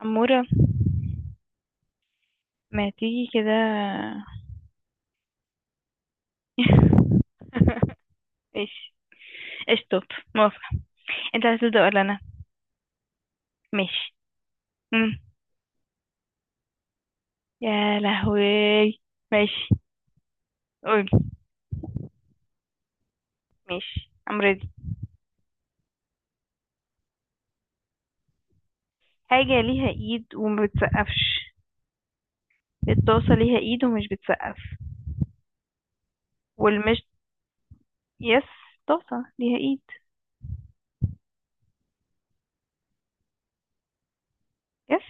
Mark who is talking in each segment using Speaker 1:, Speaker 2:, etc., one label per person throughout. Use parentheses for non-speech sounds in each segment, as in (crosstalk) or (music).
Speaker 1: عمورة، ما تيجي كده. (laughs) ماشي. اشطب. موافقة. انت عايز تبدأ ولا انا؟ ماشي. مم. يا لهوي. ماشي. قول. ماشي، I'm ready. حاجة ليها ايد وما بتسقفش. الطاسة ليها ايد ومش بتسقف، والمشط. يس. طاسة ليها ايد. يس.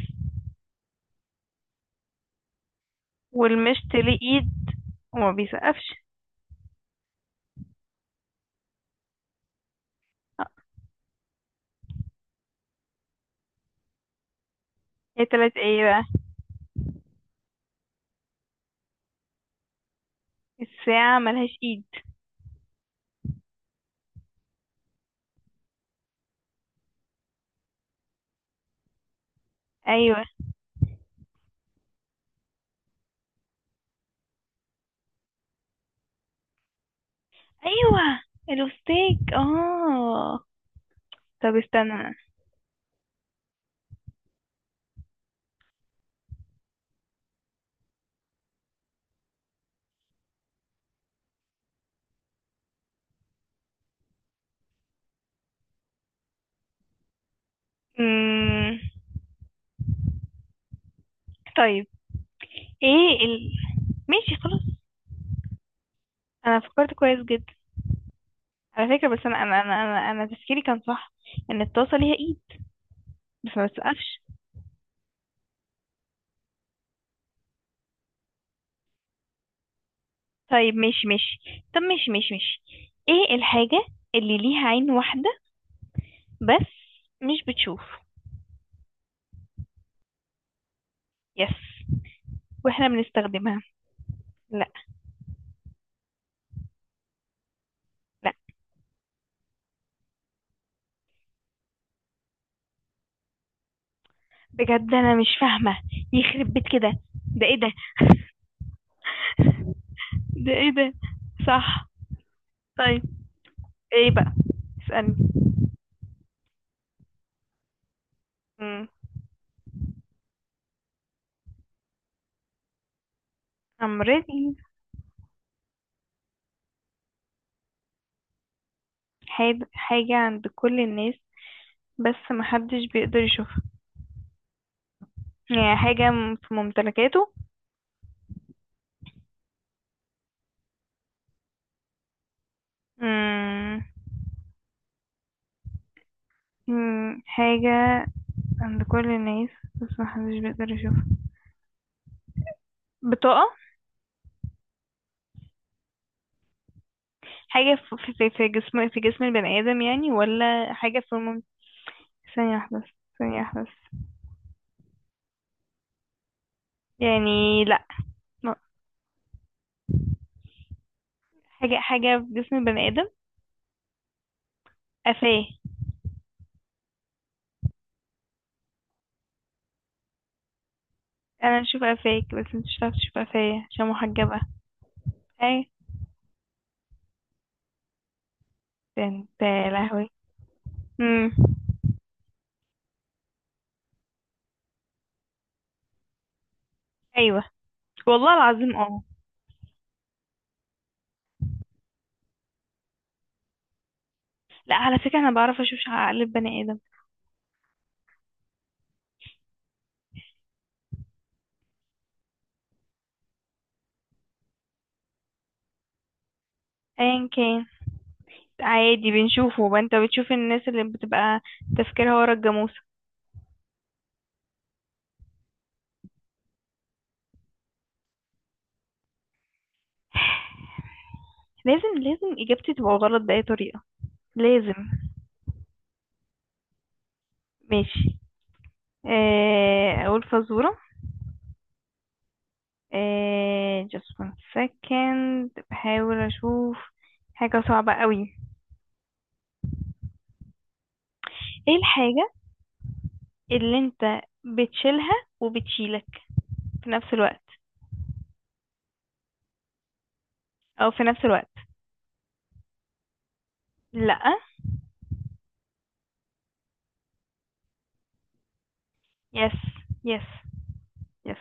Speaker 1: والمشط ليه ايد وما بيسقفش. اه، هي تلات ايه بقى؟ الساعة ملهاش ايد. ايوه ايوه، الوستيك اه. طب استنى. مم... طيب. ايه ال... ماشي خلاص. انا فكرت كويس جدا. على فكرة بس أنا تفكيري كان صح، ان الطاسة ليها ايد بس ما بتسقفش. طيب ماشي ماشي. طب ماشي ماشي ماشي. ايه الحاجة اللي ليها عين واحدة بس مش بتشوف؟ يس. واحنا بنستخدمها. لا. لا. بجد انا مش فاهمة. يخرب بيت كده، ده ايه ده؟ ده ايه ده؟ صح. طيب، ايه بقى؟ اسألني. امم. I'm ready. حاجة عند كل الناس بس محدش بيقدر يشوفها؟ يعني حاجة في ممتلكاته؟ مم. مم. حاجة عند كل الناس بس محدش بيقدر يشوفها. بطاقة. حاجة في جسم، في جسم البني آدم يعني، ولا حاجة في ثانية واحدة بس، ثانية واحدة بس. يعني لأ. م- حاجة، حاجة في جسم البني آدم. قفاه. أنا أشوف قفاك بس انت مش هتعرف تشوف قفايا عشان محجبة. أي. ده انت يا لهوي. مم. أيوه. والله العظيم اه. لا على فكرة انا بعرف اشوف قلب بني ادم. ايا كان، عادي بنشوفه بقى. انت بتشوف الناس اللي بتبقى تفكيرها ورا الجاموسة. (laughs) لازم، لازم اجابتي تبقى غلط بأي طريقة. لازم. ماشي. آه، اقول فزورة. آه، just one second، بحاول اشوف. حاجة صعبة قوي. ايه الحاجة اللي انت بتشيلها وبتشيلك في نفس الوقت، او في نفس الوقت؟ لا. يس. يس. يس.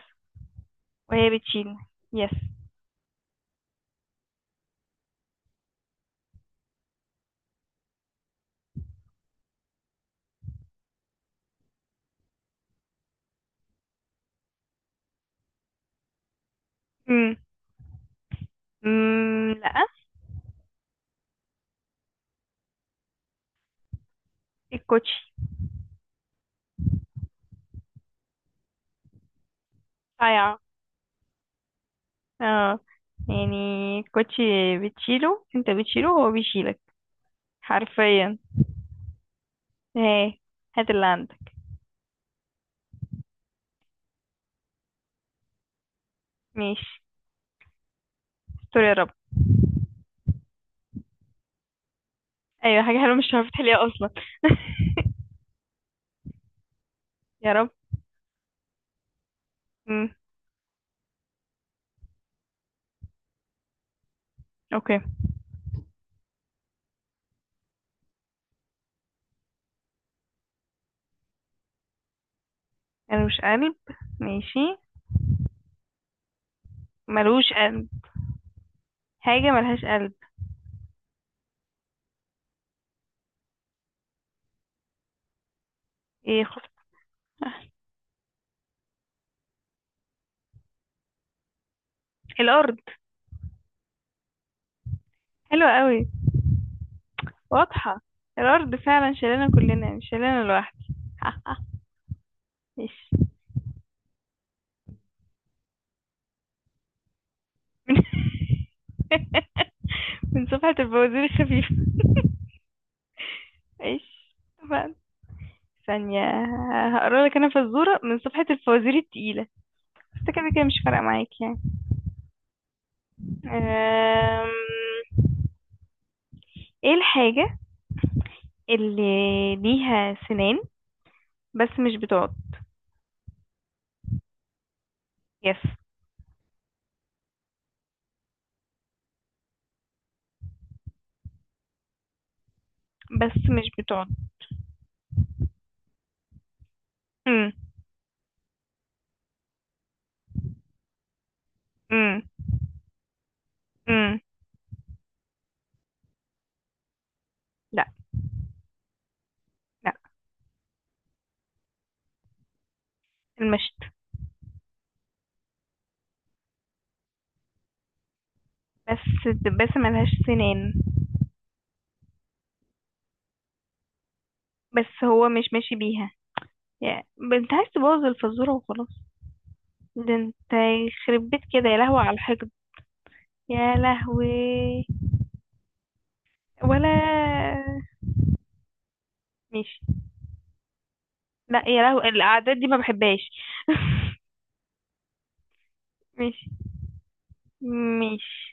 Speaker 1: وهي بتشيل. يس. امم. أمم، لا. الكوتشي. صايعة. اه، يعني الكوتشي، بتشيله، انت بتشيله هو بيشيلك. حرفيا. ايه؟ هات اللي عندك. ماشي. استر يا رب. ايوه، حاجة حلوة مش هعرف تحليها اصلا. (laughs) يا رب. امم. اوكي. ملوش قلب. ماشي. ملوش قلب. حاجة ملهاش قلب. ايه خف... الارض. حلوة قوي. واضحة. الارض فعلا شالانا كلنا، مش شالانا لوحدي. (laughs) ماشي. (laughs) من صفحة الفوازير الخفيفة. ايش بقى؟ ثانية، هقرا لك انا فزورة من صفحة الفوازير التقيلة. بس كده كده مش فارقة معاك يعني. أم... ايه الحاجة اللي ليها سنان بس مش بتقعد؟ يس. بس مش بتقعد. امم. امم. امم. لا. لا. المشط. بس، بس ملهاش سنان. بس هو مش ماشي بيها يعني، انت عايز تبوظ الفزورة وخلاص. ده انت، يخرب بيت كده يا لهوي على الحقد. يا لهوي. ولا. ماشي. لا يا لهوي، الاعداد دي ما بحبهاش. (laughs) ماشي. ماشي.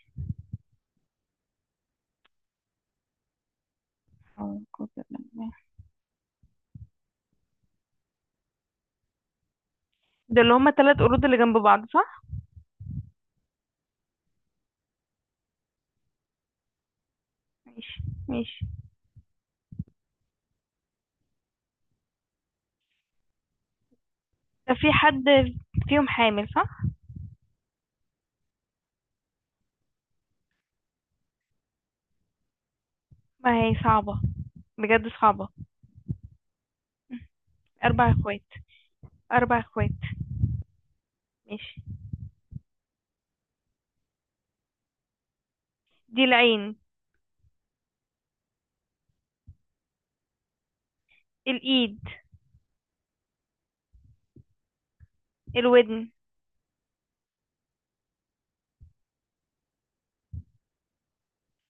Speaker 1: أعوذ بالله. ده اللي هما تلات قرود اللي جنب بعض صح؟ ماشي. ماشي. ده في حد فيهم حامل صح؟ ما هي صعبة، بجد صعبة. اربع اخوات. اربع اخوات. ماشي. دي العين. الايد. الودن.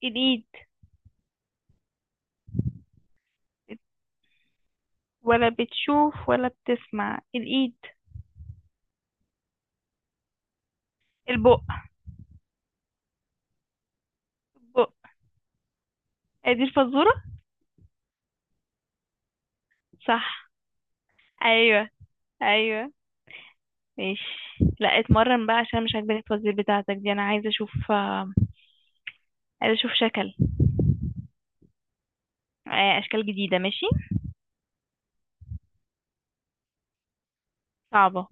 Speaker 1: الايد. ولا بتشوف ولا بتسمع الايد. البق. البق. هي دي الفزورة. صح. ايوه. ايوه. ماشي. لا اتمرن بقى عشان مش عاجباني التوزيع بتاعتك دي. انا عايزه اشوف آه، عايزه اشوف شكل، آه، اشكال جديده. ماشي. صعبه.